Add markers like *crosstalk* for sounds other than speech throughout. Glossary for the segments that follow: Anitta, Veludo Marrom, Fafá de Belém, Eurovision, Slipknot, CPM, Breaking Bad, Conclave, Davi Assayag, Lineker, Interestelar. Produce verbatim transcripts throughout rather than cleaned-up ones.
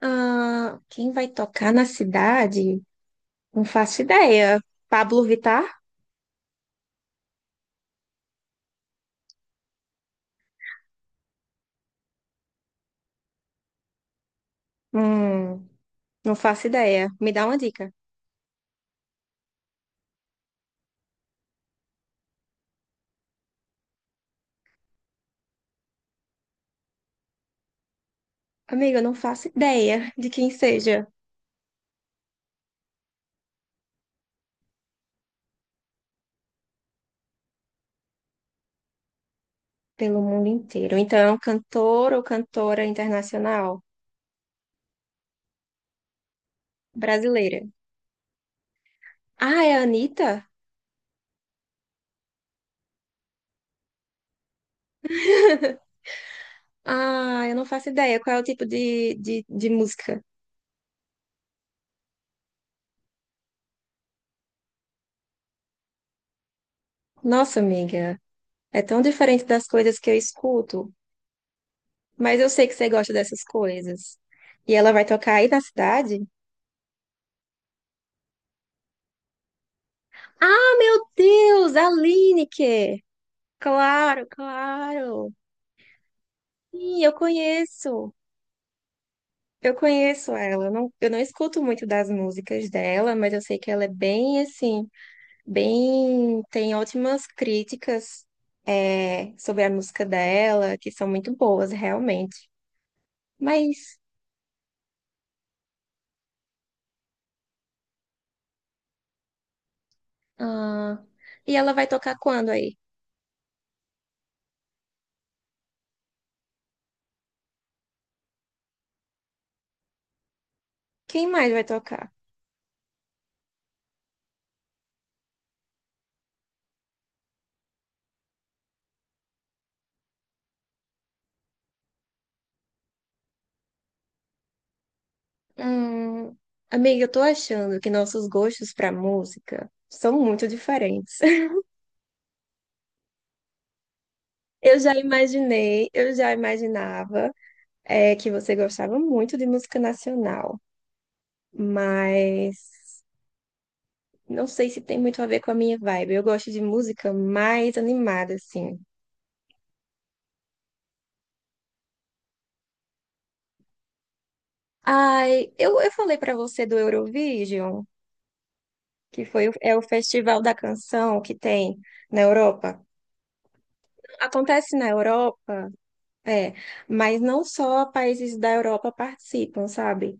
Ah, quem vai tocar na cidade? Não faço ideia. Pablo Vittar? Hum, não faço ideia. Me dá uma dica. Amiga, eu não faço ideia de quem seja pelo mundo inteiro. Então é um cantor ou cantora internacional brasileira. Ah, é a Anitta? Ah, eu não faço ideia. Qual é o tipo de, de, de música? Nossa, amiga, é tão diferente das coisas que eu escuto. Mas eu sei que você gosta dessas coisas. E ela vai tocar aí na cidade? Ah, meu Deus, a Lineker! Claro, claro. Sim, eu conheço. Eu conheço ela. Eu não, eu não escuto muito das músicas dela, mas eu sei que ela é bem assim, bem, tem ótimas críticas é, sobre a música dela, que são muito boas, realmente. Mas, ah, e ela vai tocar quando aí? Quem mais vai tocar? Hum, amiga, eu tô achando que nossos gostos pra música são muito diferentes. Eu já imaginei, eu já imaginava é, que você gostava muito de música nacional, mas não sei se tem muito a ver com a minha vibe. Eu gosto de música mais animada, assim. Ai, eu, eu falei pra você do Eurovision, que foi, o- é o festival da canção que tem na Europa. Acontece na Europa. É, mas não só países da Europa participam, sabe?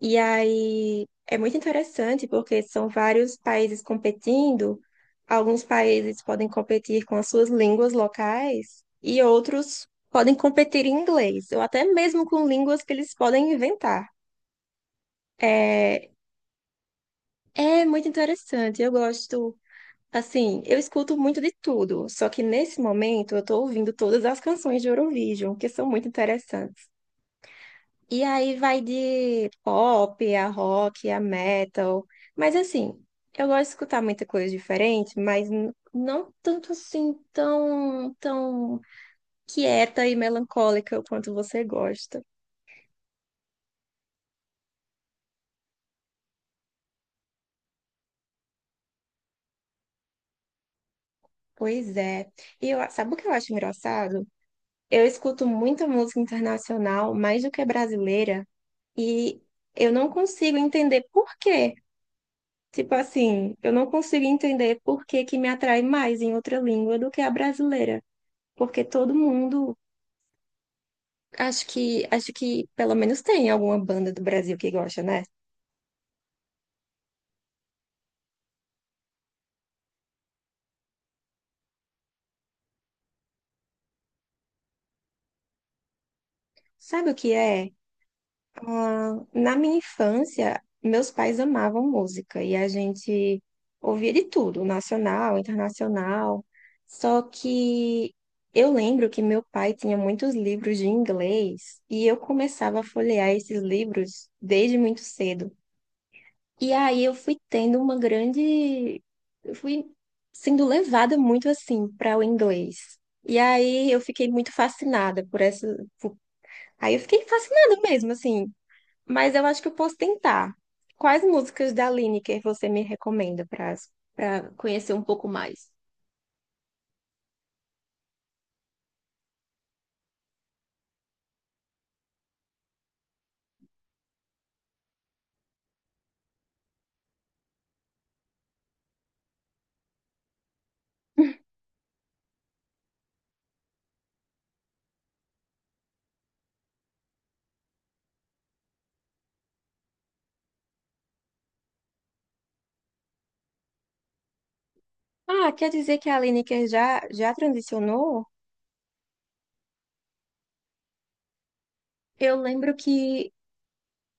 E aí é muito interessante porque são vários países competindo. Alguns países podem competir com as suas línguas locais e outros podem competir em inglês, ou até mesmo com línguas que eles podem inventar. É, é muito interessante. Eu gosto, assim, eu escuto muito de tudo, só que nesse momento eu tô ouvindo todas as canções de Eurovision, que são muito interessantes. E aí vai de pop, a rock, a metal. Mas assim, eu gosto de escutar muita coisa diferente, mas n- não tanto assim tão, tão quieta e melancólica quanto você gosta. Pois é. E eu, sabe o que eu acho engraçado? Eu escuto muita música internacional, mais do que brasileira, e eu não consigo entender por quê. Tipo assim, eu não consigo entender por que que me atrai mais em outra língua do que a brasileira. Porque todo mundo acho que acho que pelo menos tem alguma banda do Brasil que gosta, né? Sabe o que é? Ah, na minha infância, meus pais amavam música e a gente ouvia de tudo, nacional, internacional. Só que eu lembro que meu pai tinha muitos livros de inglês e eu começava a folhear esses livros desde muito cedo. E aí eu fui tendo uma grande. Eu fui sendo levada muito assim para o inglês. E aí eu fiquei muito fascinada por essa. por- Aí eu fiquei fascinada mesmo, assim. Mas eu acho que eu posso tentar. Quais músicas da Lineker você me recomenda para para conhecer um pouco mais? Ah, quer dizer que a Lineker já, já transicionou? Eu lembro que,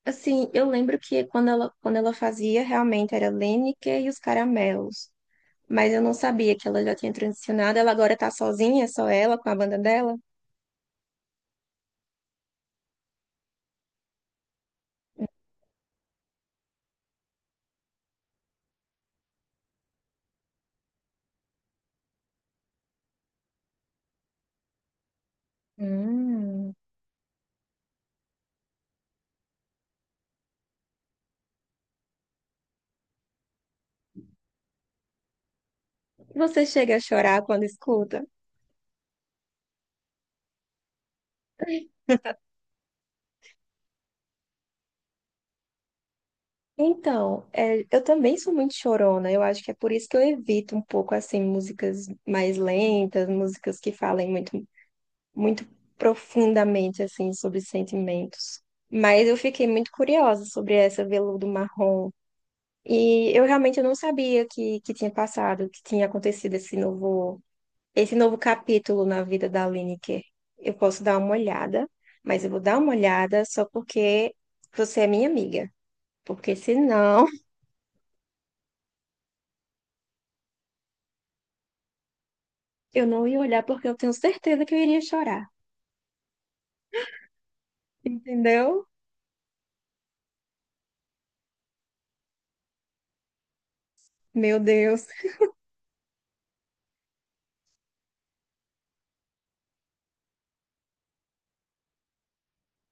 assim, eu lembro que quando ela, quando ela fazia, realmente era Lineker e os Caramelos. Mas eu não sabia que ela já tinha transicionado. Ela agora tá sozinha, só ela, com a banda dela. Hum. Você chega a chorar quando escuta? Então, é, eu também sou muito chorona. Eu acho que é por isso que eu evito um pouco assim músicas mais lentas, músicas que falem muito, muito profundamente assim sobre sentimentos. Mas eu fiquei muito curiosa sobre essa Veludo Marrom e eu realmente não sabia que, que tinha passado, que tinha acontecido esse novo esse novo capítulo na vida da Lineker. Eu posso dar uma olhada, mas eu vou dar uma olhada só porque você é minha amiga. Porque senão *laughs* eu não ia olhar porque eu tenho certeza que eu iria chorar. Entendeu? Meu Deus.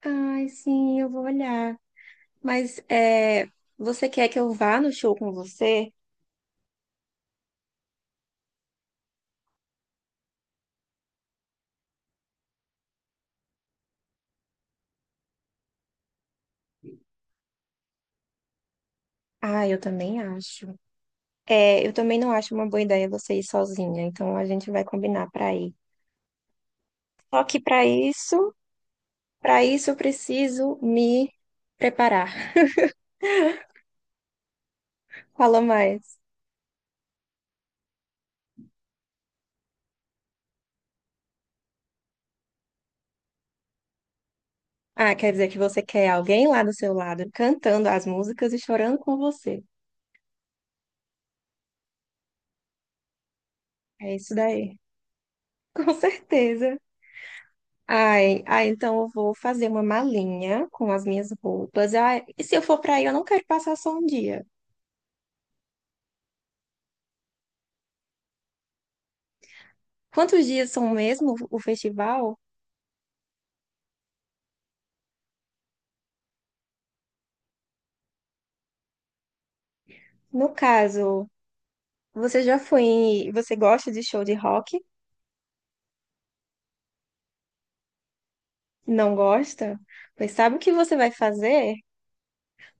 Ai, sim, eu vou olhar. Mas é, você quer que eu vá no show com você? Ah, eu também acho. É, eu também não acho uma boa ideia você ir sozinha, então a gente vai combinar pra ir. Só que pra isso Para isso, eu preciso me preparar. Fala mais. Ah, quer dizer que você quer alguém lá do seu lado cantando as músicas e chorando com você. É isso daí. *laughs* Com certeza. Ai, ai, então eu vou fazer uma malinha com as minhas roupas. Ai, e se eu for para aí, eu não quero passar só um dia. Quantos dias são mesmo o festival? No caso, você já foi em... Você gosta de show de rock? Não gosta? Pois sabe o que você vai fazer?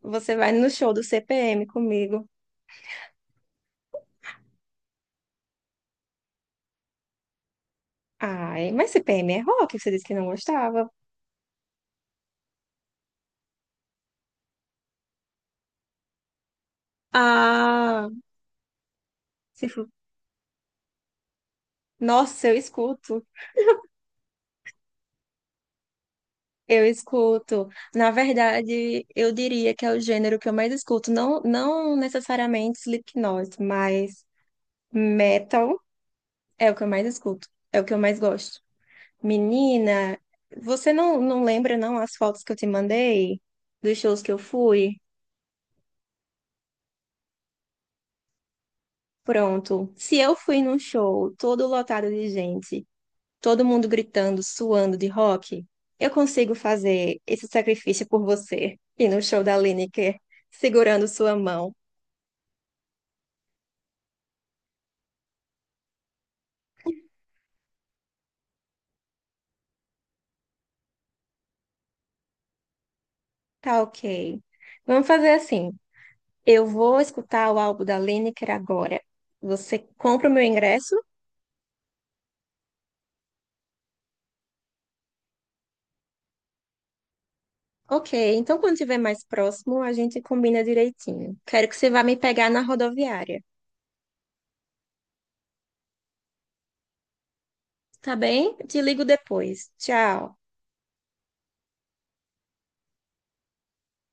Você vai no show do C P M comigo. Ai, mas C P M é rock, você disse que não gostava. Ah, se for... Nossa, eu escuto. Eu escuto. Na verdade, eu diria que é o gênero que eu mais escuto. Não, não necessariamente Slipknot, mas metal é o que eu mais escuto. É o que eu mais gosto. Menina, você não, não lembra, não, as fotos que eu te mandei dos shows que eu fui? Pronto. Se eu fui num show todo lotado de gente todo mundo gritando, suando de rock, eu consigo fazer esse sacrifício por você. E no show da Lineker, segurando sua mão. Tá ok. Vamos fazer assim. Eu vou escutar o álbum da Lineker agora. Você compra o meu ingresso? Ok, então quando estiver mais próximo, a gente combina direitinho. Quero que você vá me pegar na rodoviária. Tá bem? Te ligo depois. Tchau.